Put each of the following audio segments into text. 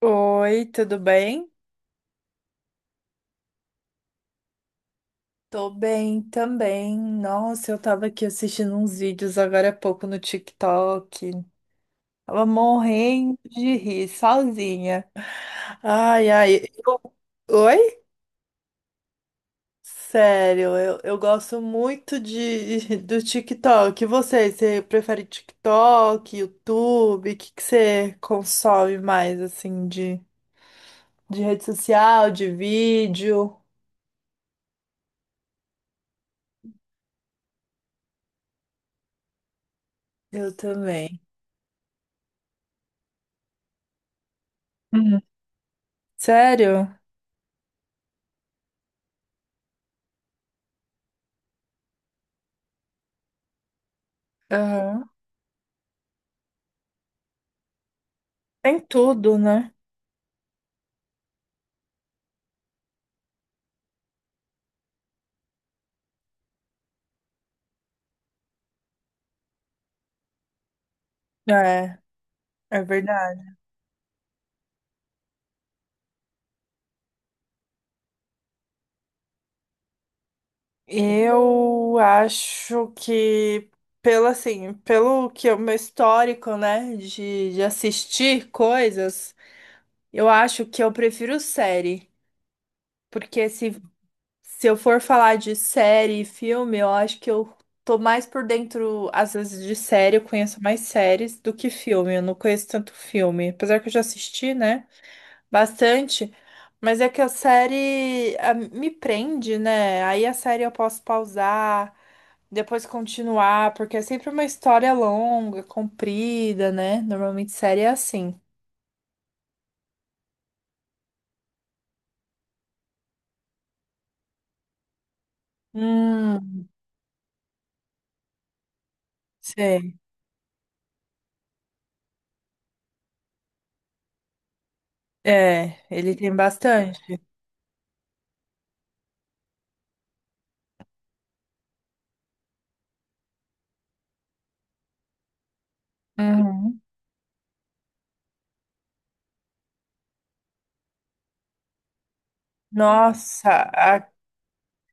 Oi, tudo bem? Tô bem também. Nossa, eu tava aqui assistindo uns vídeos agora há pouco no TikTok. Tava morrendo de rir, sozinha. Ai, ai. Oi? Sério, eu gosto muito de, do TikTok. E você prefere TikTok, YouTube? O que que você consome mais, assim, de rede social, de vídeo? Eu também. Hum. Sério? Aham. Tem tudo, né? É, é verdade. Eu acho que, pelo assim, pelo que é o meu histórico, né, de assistir coisas, eu acho que eu prefiro série. Porque se eu for falar de série e filme, eu acho que eu tô mais por dentro, às vezes, de série, eu conheço mais séries do que filme. Eu não conheço tanto filme. Apesar que eu já assisti, né? Bastante, mas é que a série ah, me prende, né? Aí a série eu posso pausar, depois continuar, porque é sempre uma história longa, comprida, né? Normalmente série é assim. Hum, sei. É, ele tem bastante. Uhum. Nossa, a-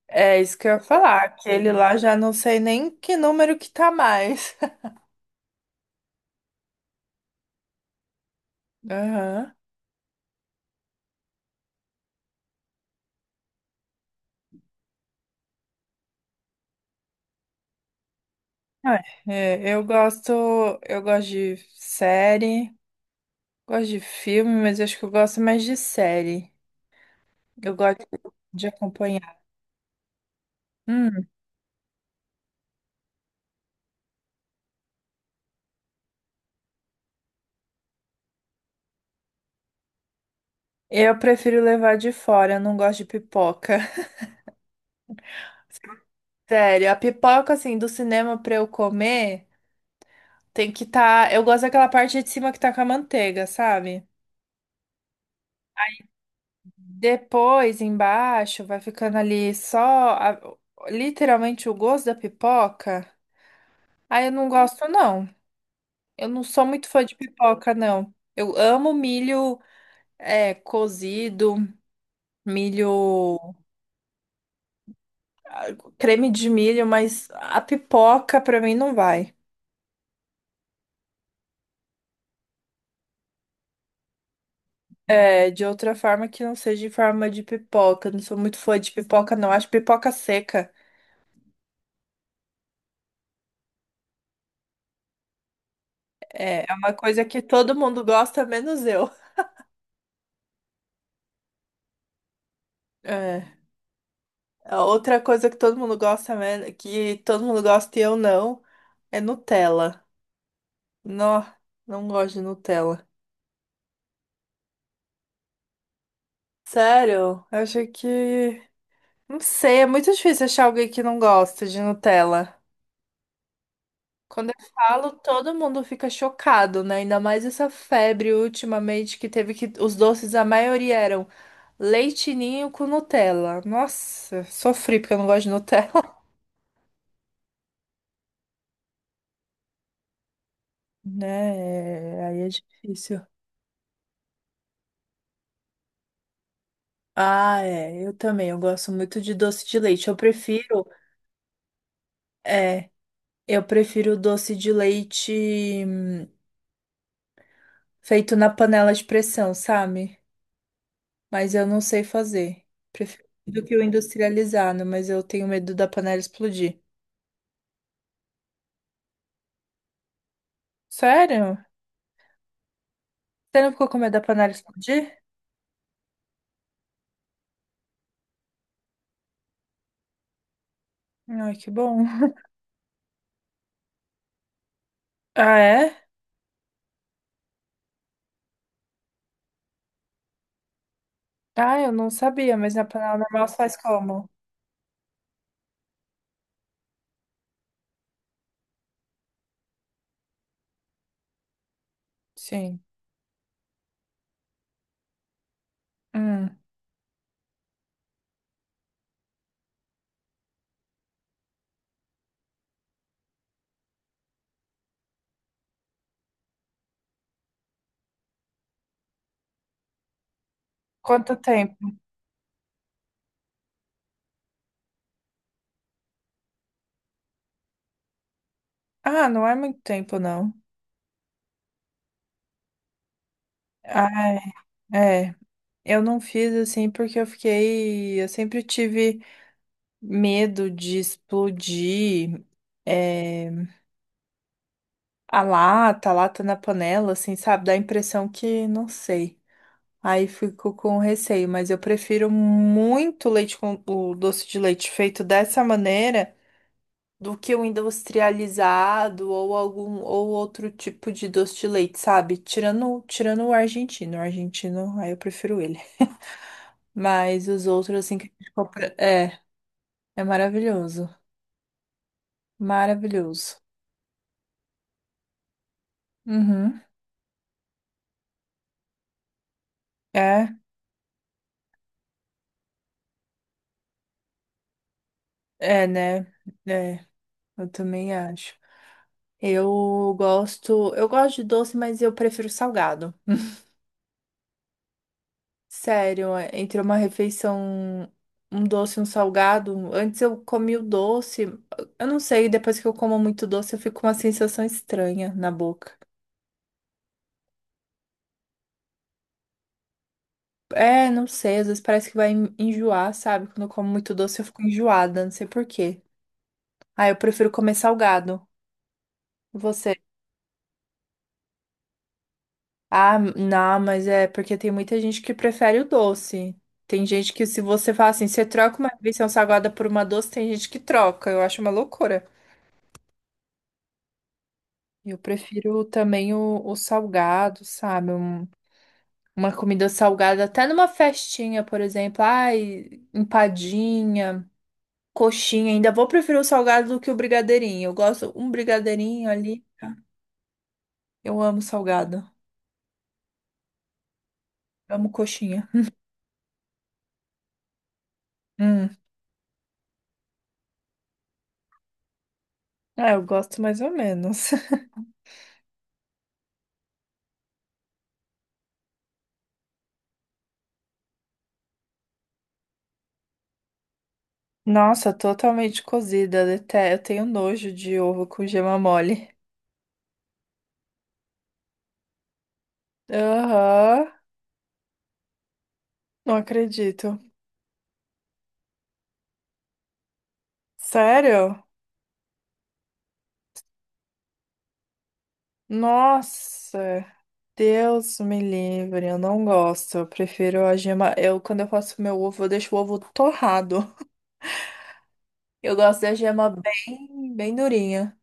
é isso que eu ia falar. Aquele lá já não sei nem que número que tá mais. Aham. Ah, é, eu gosto de série. Gosto de filme, mas acho que eu gosto mais de série. Eu gosto de acompanhar. Hum, eu prefiro levar de fora, eu não gosto de pipoca. Sério, a pipoca, assim, do cinema pra eu comer, tem que tá. Eu gosto daquela parte de cima que tá com a manteiga, sabe? Depois, embaixo, vai ficando ali só literalmente o gosto da pipoca. Aí eu não gosto, não. Eu não sou muito fã de pipoca, não. Eu amo milho, é, cozido. Milho, ah, creme de milho, mas a pipoca pra mim não vai. É, de outra forma que não seja em forma de pipoca. Não sou muito fã de pipoca, não. Acho pipoca seca. É, é uma coisa que todo mundo gosta, menos eu. É. A outra coisa que todo mundo gosta, que todo mundo gosta e eu não, é Nutella. Não, não gosto de Nutella. Sério? Eu acho que. Não sei, é muito difícil achar alguém que não gosta de Nutella. Quando eu falo, todo mundo fica chocado, né? Ainda mais essa febre ultimamente que teve que os doces, a maioria eram leite ninho com Nutella. Nossa, sofri porque eu não gosto de Nutella, né? É, aí é difícil. Ah, é, eu também, eu gosto muito de doce de leite. Eu prefiro, é, eu prefiro doce de leite feito na panela de pressão, sabe? Mas eu não sei fazer. Prefiro do que o industrializado, mas eu tenho medo da panela explodir. Sério? Você não ficou com medo da panela explodir? Ai, que bom. Ah, é? Ah, eu não sabia, mas na panela normal você faz como? Sim. Hum. Quanto tempo? Ah, não é muito tempo, não. Ah, é. Eu não fiz assim porque eu fiquei. Eu sempre tive medo de explodir é, a lata na panela, assim, sabe? Dá a impressão que, não sei. Aí fico com receio, mas eu prefiro muito leite com o doce de leite feito dessa maneira do que o industrializado ou algum ou outro tipo de doce de leite, sabe? Tirando o argentino, aí eu prefiro ele. Mas os outros assim que a gente compra, é, é maravilhoso, maravilhoso. Uhum. É, é, né? É, eu também acho. Eu eu gosto de doce, mas eu prefiro salgado. Sério, é, entre uma refeição, um doce e um salgado. Antes eu comi o doce, eu não sei, depois que eu como muito doce eu fico com uma sensação estranha na boca. É, não sei, às vezes parece que vai enjoar, sabe? Quando eu como muito doce eu fico enjoada, não sei por quê. Ah, eu prefiro comer salgado. E você? Ah, não, mas é porque tem muita gente que prefere o doce. Tem gente que se você fala assim, você troca uma refeição salgada por uma doce, tem gente que troca. Eu acho uma loucura. Eu prefiro também o salgado, sabe? Uma comida salgada, até numa festinha, por exemplo. Ai, empadinha, coxinha. Ainda vou preferir o salgado do que o brigadeirinho. Eu gosto um brigadeirinho ali. Eu amo salgado. Amo coxinha. Hum. É, eu gosto mais ou menos. Nossa, totalmente cozida. Até eu tenho nojo de ovo com gema mole. Aham, não acredito. Sério? Nossa. Deus me livre, eu não gosto. Eu prefiro a gema. Eu, quando eu faço meu ovo, eu deixo o ovo torrado. Eu gosto da gema bem, bem durinha.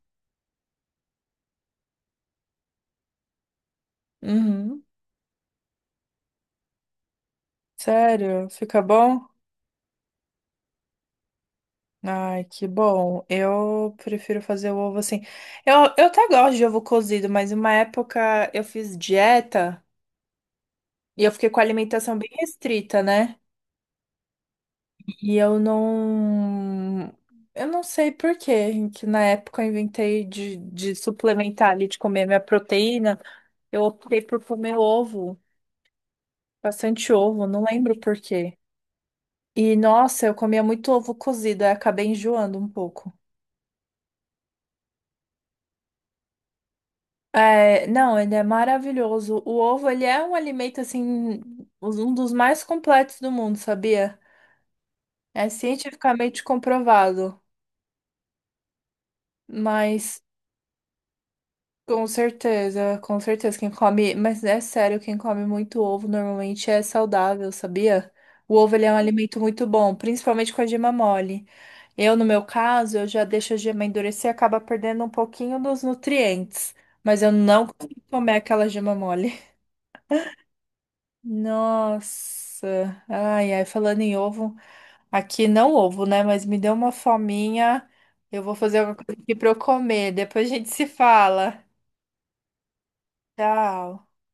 Uhum. Sério? Fica bom? Ai, que bom. Eu prefiro fazer o ovo assim. Eu até gosto de ovo cozido, mas uma época eu fiz dieta e eu fiquei com a alimentação bem restrita, né? E eu não. Eu não sei por quê, que na época eu inventei de suplementar ali, de comer minha proteína. Eu optei por comer ovo, bastante ovo, não lembro por quê. E nossa, eu comia muito ovo cozido, aí acabei enjoando um pouco. É, não, ele é maravilhoso. O ovo, ele é um alimento, assim, um dos mais completos do mundo, sabia? É cientificamente comprovado. Mas. Com certeza, com certeza. Quem come, mas é sério, quem come muito ovo normalmente é saudável, sabia? O ovo ele é um alimento muito bom, principalmente com a gema mole. Eu, no meu caso, eu já deixo a gema endurecer e acaba perdendo um pouquinho dos nutrientes. Mas eu não consigo comer aquela gema mole. Nossa, ai, ai, falando em ovo, aqui não ovo, né? Mas me deu uma fominha. Eu vou fazer alguma coisa aqui pra eu comer. Depois a gente se fala. Tchau.